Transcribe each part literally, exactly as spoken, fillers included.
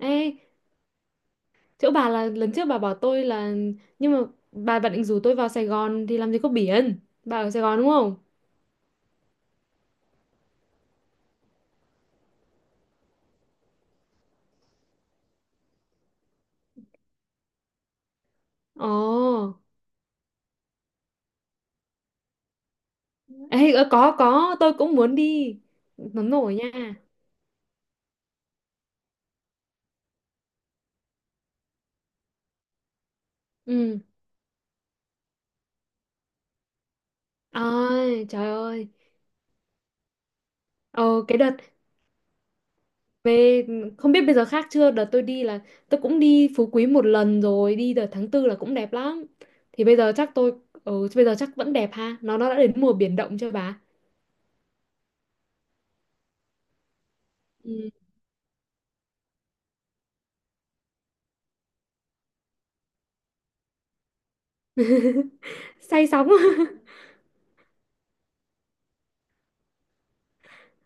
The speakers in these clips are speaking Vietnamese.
Ê, chỗ bà là lần trước bà bảo tôi là nhưng mà bà bà định rủ tôi vào Sài Gòn thì làm gì có biển. Bà ở Sài Gòn đúng không? Ồ. Ê, ờ, có có, tôi cũng muốn đi. Nóng nổi nha. Ừ. Ôi, trời ơi. Ồ, cái đợt về không biết bây giờ khác chưa, đợt tôi đi là tôi cũng đi Phú Quý một lần rồi, đi đợt tháng tư là cũng đẹp lắm. Thì bây giờ chắc tôi ừ, bây giờ chắc vẫn đẹp ha. Nó nó đã đến mùa biển động chưa bà? Ừ. Say sóng.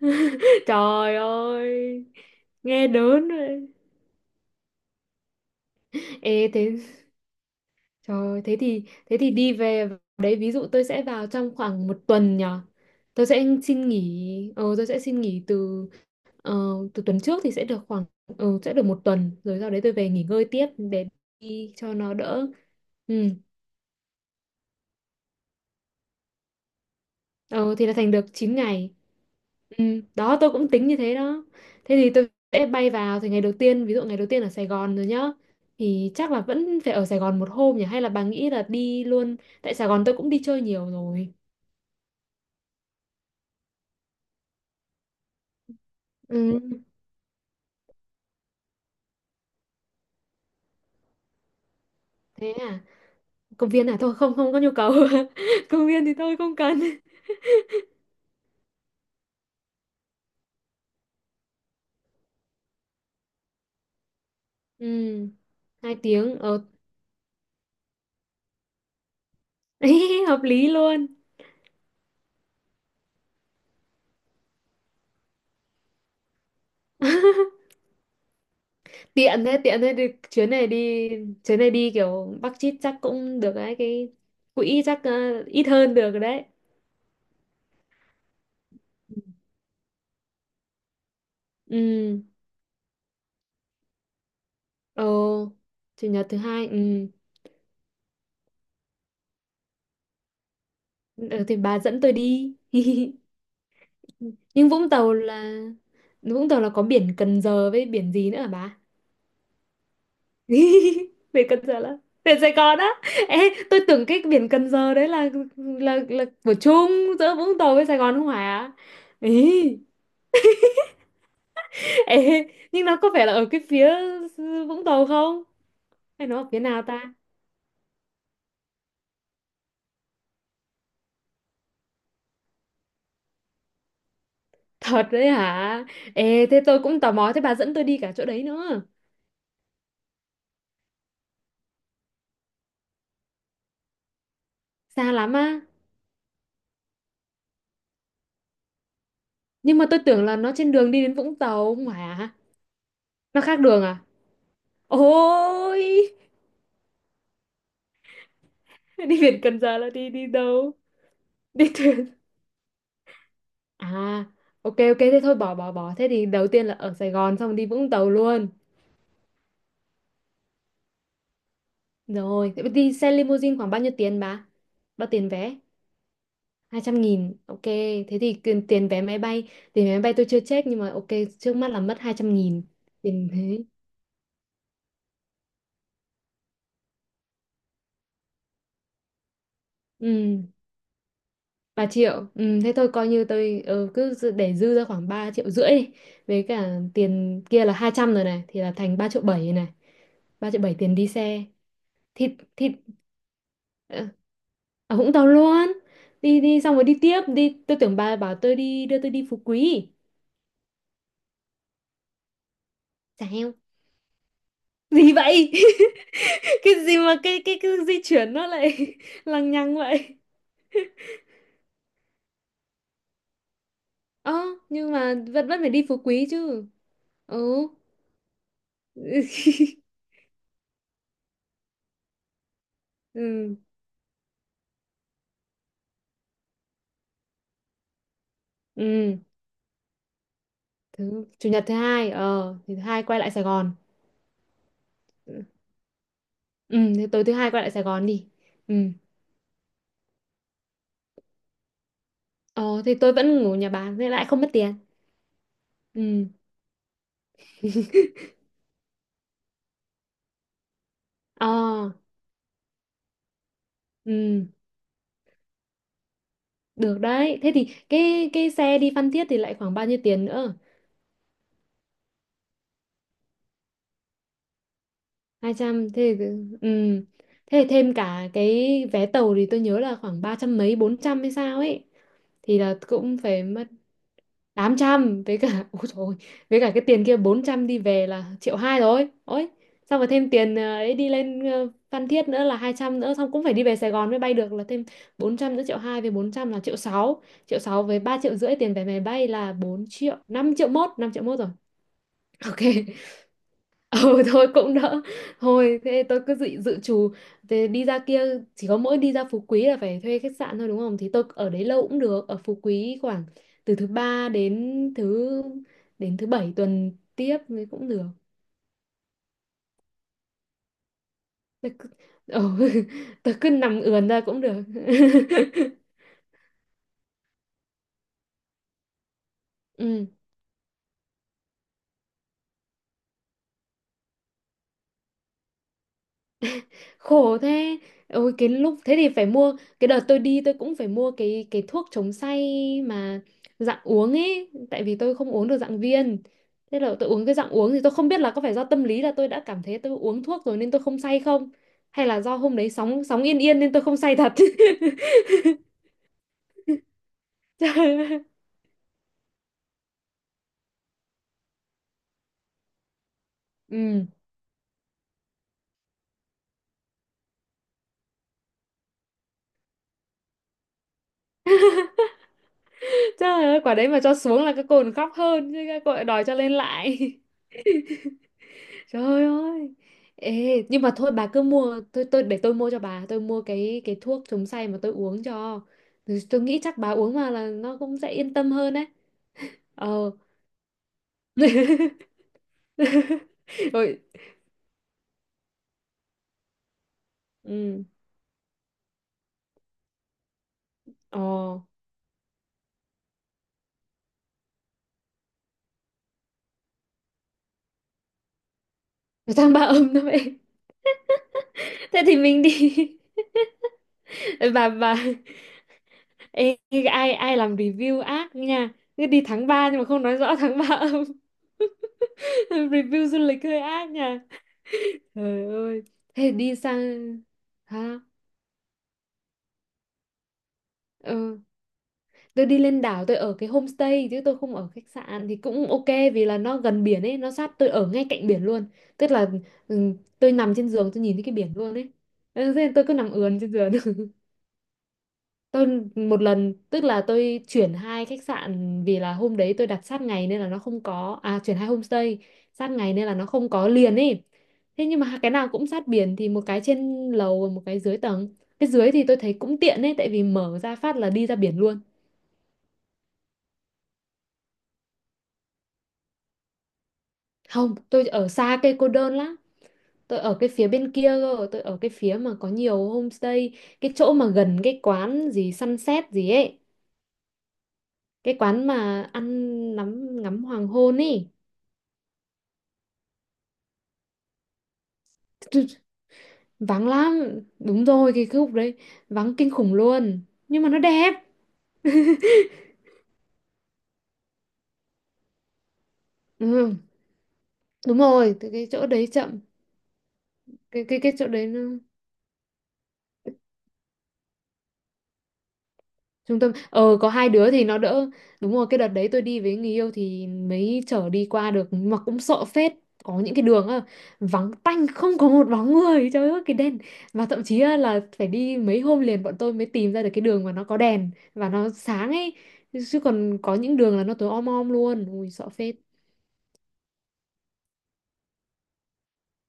Trời ơi, nghe đớn rồi. Ê thế trời ơi, thế thì thế thì đi về đấy, ví dụ tôi sẽ vào trong khoảng một tuần nhở. Tôi sẽ xin nghỉ, ờ tôi sẽ xin nghỉ từ ờ, từ tuần trước thì sẽ được khoảng ờ, sẽ được một tuần, rồi sau đấy tôi về nghỉ ngơi tiếp để đi cho nó đỡ. Ừ, ờ thì là thành được chín ngày. Ừ, đó tôi cũng tính như thế đó, thế thì tôi sẽ bay vào thì ngày đầu tiên, ví dụ ngày đầu tiên ở Sài Gòn rồi nhá, thì chắc là vẫn phải ở Sài Gòn một hôm nhỉ, hay là bà nghĩ là đi luôn, tại Sài Gòn tôi cũng đi chơi nhiều rồi. Ừ. Thế à? Công viên à? Thôi không, không có nhu cầu. Công viên thì tôi không cần. Ừ, hai tiếng ở. Hợp lý luôn. Tiện thế, tiện thế, đi chuyến này đi, chuyến này đi kiểu Bắc chít chắc cũng được đấy, cái quỹ chắc ờ, ít hơn được rồi đấy. Ừ. Ồ, chủ nhật thứ hai ừ. Ừ, thì bà dẫn tôi đi. Nhưng Vũng Tàu là, Vũng Tàu là có biển Cần Giờ với biển gì nữa hả bà? Biển Cần Giờ là biển Sài Gòn á. Ê, tôi tưởng cái biển Cần Giờ đấy là là là của chung giữa Vũng Tàu với Sài Gòn không hả? Ý, ê, nhưng nó có phải là ở cái phía Vũng Tàu không? Hay nó ở phía nào ta? Thật đấy hả? Ê, thế tôi cũng tò mò, thế bà dẫn tôi đi cả chỗ đấy nữa. Xa lắm á. Nhưng mà tôi tưởng là nó trên đường đi đến Vũng Tàu mà. Nó khác đường à? Ôi! Đi biển Cần Giờ là đi đi đâu? Đi thuyền. À, ok ok, thế thôi, bỏ bỏ bỏ. Thế thì đầu tiên là ở Sài Gòn, xong đi Vũng Tàu luôn. Rồi, thế đi xe limousine khoảng bao nhiêu tiền bà? Bao tiền vé? Hai trăm nghìn. Ok, thế thì tiền, tiền vé máy bay. Tiền vé máy bay tôi chưa check, nhưng mà ok, trước mắt là mất hai trăm nghìn. Tiền thế. Ừ. Ba triệu ừ, thế thôi coi như tôi ừ, cứ dự- để dư ra khoảng ba triệu rưỡi đi. Với cả tiền kia là hai trăm rồi này, thì là thành ba triệu bảy này, ba triệu bảy tiền đi xe thì thì ờ, ở Vũng Tàu luôn, đi đi xong rồi đi tiếp đi, tôi tưởng bà bảo tôi đi, đưa tôi đi Phú Quý. Sao? Gì vậy? Cái gì mà cái cái cái di chuyển nó lại lằng nhằng vậy? Ơ, nhưng mà vẫn vẫn phải đi Phú Quý chứ. Ừ. Ừ ừ. Thứ chủ nhật thứ hai, ờ thì thứ hai quay lại Sài Gòn. Ừ, thì tối thứ hai quay lại Sài Gòn đi. Ừ. ờ thì tôi vẫn ngủ nhà bà nên lại không mất tiền. Ừ. Ờ. Ừ. Được đấy, thế thì cái cái xe đi Phan Thiết thì lại khoảng bao nhiêu tiền nữa? Hai trăm, thế thì, ừ, thế thì thêm cả cái vé tàu thì tôi nhớ là khoảng ba trăm mấy, bốn trăm hay sao ấy, thì là cũng phải mất tám trăm, với cả ôi trời ơi, với cả cái tiền kia bốn trăm đi về là triệu hai rồi. Ôi, xong rồi thêm tiền ờ, ấy đi lên ờ, Phan Thiết nữa là hai trăm nữa, xong cũng phải đi về Sài Gòn mới bay được là thêm bốn trăm nữa, triệu hai với bốn trăm là triệu sáu, triệu sáu với ba triệu rưỡi tiền vé máy bay là bốn triệu, năm triệu mốt, năm triệu mốt rồi. Ok. Ừ, thôi cũng đỡ. Thôi thế tôi cứ dự, dự trù thế. Đi ra kia, chỉ có mỗi đi ra Phú Quý là phải thuê khách sạn thôi đúng không? Thì tôi ở đấy lâu cũng được. Ở Phú Quý khoảng từ thứ ba đến thứ Đến thứ bảy tuần tiếp thì cũng được. tôi cứ, ừ, tôi cứ nằm ườn ra cũng được. Ừ. Khổ thế. Ôi, cái lúc thế thì phải mua, cái đợt tôi đi tôi cũng phải mua cái cái thuốc chống say mà dạng uống ấy, tại vì tôi không uống được dạng viên, thế là tôi uống cái dạng uống, thì tôi không biết là có phải do tâm lý, là tôi đã cảm thấy tôi uống thuốc rồi nên tôi không say không, hay là do hôm đấy sóng sóng yên yên nên tôi không say thật. Trời ơi. Ừ. Trời ơi, quả đấy mà cho xuống là các cô còn khóc hơn chứ, các cô lại đòi cho lên lại. Trời ơi. Ê, nhưng mà thôi bà cứ mua, tôi tôi để tôi mua cho bà, tôi mua cái cái thuốc chống say mà tôi uống cho. Tôi, tôi nghĩ chắc bà uống vào là nó cũng sẽ yên tâm hơn đấy. Ờ. Rồi, ừ. Ờ, Nó sang ba âm đó vậy. Thế thì mình đi. Bà bà ê, ai ai làm review ác nha. Cứ đi tháng ba nhưng mà không nói rõ tháng ba âm. Review du lịch hơi ác nha. Trời ơi. Thế đi sang hả? Ừ, tôi đi lên đảo tôi ở cái homestay chứ tôi không ở khách sạn thì cũng ok, vì là nó gần biển ấy, nó sát, tôi ở ngay cạnh biển luôn. Tức là ừ, tôi nằm trên giường tôi nhìn thấy cái biển luôn ấy. Ừ, thế nên tôi cứ nằm ườn trên giường. Tôi một lần, tức là tôi chuyển hai khách sạn, vì là hôm đấy tôi đặt sát ngày nên là nó không có, à chuyển hai homestay, sát ngày nên là nó không có liền ấy. Thế nhưng mà cái nào cũng sát biển, thì một cái trên lầu và một cái dưới tầng. Cái dưới thì tôi thấy cũng tiện ấy, tại vì mở ra phát là đi ra biển luôn. Không, tôi ở xa cây cô đơn lắm. Tôi ở cái phía bên kia cơ, tôi ở cái phía mà có nhiều homestay, cái chỗ mà gần cái quán gì sunset gì ấy, cái quán mà ăn ngắm ngắm hoàng hôn ấy. Chứ- Vắng lắm, đúng rồi cái khúc đấy, vắng kinh khủng luôn. Nhưng mà nó đẹp. Ừ, đúng rồi, từ cái chỗ đấy chậm, cái cái cái chỗ đấy nó trung tâm, ờ có hai đứa thì nó đỡ, đúng rồi cái đợt đấy tôi đi với người yêu thì mới chở đi qua được, nhưng mà cũng sợ phết. Có những cái đường á, vắng tanh không có một bóng người, trời ơi cái đèn, và thậm chí á, là phải đi mấy hôm liền bọn tôi mới tìm ra được cái đường mà nó có đèn và nó sáng ấy, chứ còn có những đường là nó tối om om luôn, ui sợ phết.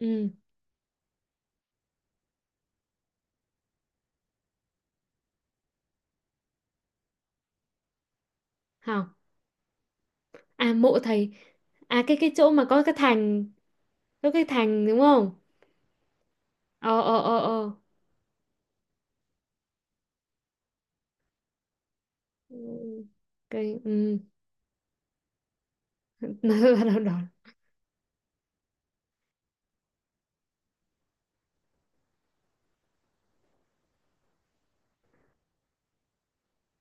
Ừ. Hảo. À, mộ thầy. À, cái cái chỗ mà có cái thành, có cái thành đúng không. Ờ ờ ờ ờ. Ừ, cái ừ. Đó,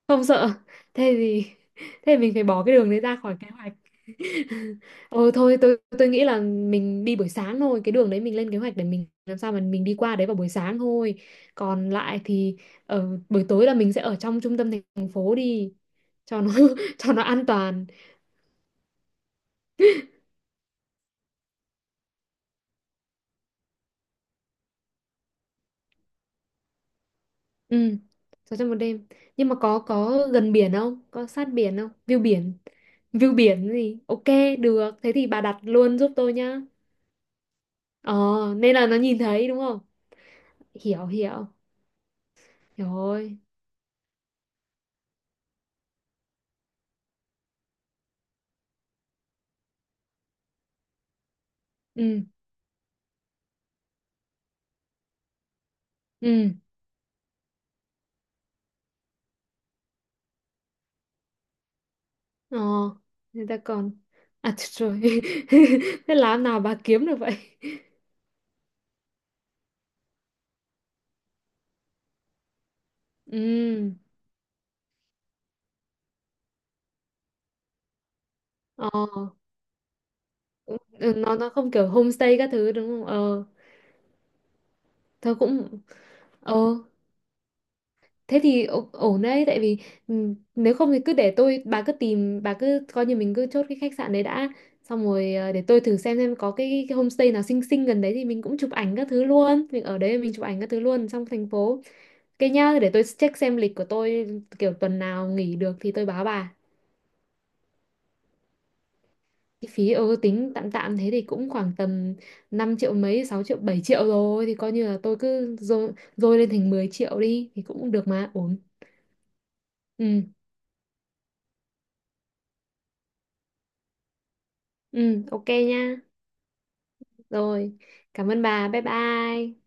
không sợ, thế thì thế mình phải bỏ cái đường đấy ra khỏi kế hoạch. Ừ, thôi tôi tôi nghĩ là mình đi buổi sáng thôi, cái đường đấy mình lên kế hoạch để mình làm sao mà mình đi qua đấy vào buổi sáng thôi. Còn lại thì ở buổi tối là mình sẽ ở trong trung tâm thành phố đi, cho nó cho nó an toàn. Ừ. Sáu trăm một đêm. Nhưng mà có có gần biển không, có sát biển không, View biển, view biển gì ok. Được, thế thì bà đặt luôn giúp tôi nhá. ờ Nên là nó nhìn thấy đúng không. Hiểu, hiểu. Hiểu rồi. Ừ. Ừ. Ờ. Người ta còn? À trời ơi. Thế làm nào bà kiếm được vậy? Ừ. Ờ, cũng- ừ, nó nó không kiểu homestay các thứ đúng không, ờ, thôi cũng ờ, thế thì ổ- ổn đấy, tại vì ừ, nếu không thì cứ để tôi bà cứ tìm, bà cứ coi như mình cứ chốt cái khách sạn đấy đã, xong rồi ờ, để tôi thử xem xem có cái, cái homestay nào xinh xinh gần đấy thì mình cũng chụp ảnh các thứ luôn, mình ở đấy mình chụp ảnh các thứ luôn trong thành phố. Cái nhá, để tôi check xem lịch của tôi kiểu tuần nào nghỉ được thì tôi báo bà. Cái phí ừ, tính tạm tạm thế thì cũng khoảng tầm năm triệu mấy, sáu triệu, bảy triệu rồi. Thì coi như là tôi cứ dôi, dôi lên thành mười triệu đi. Thì cũng được mà, ổn. Ừ, ừ, ok nha. Rồi, cảm ơn bà, bye bye.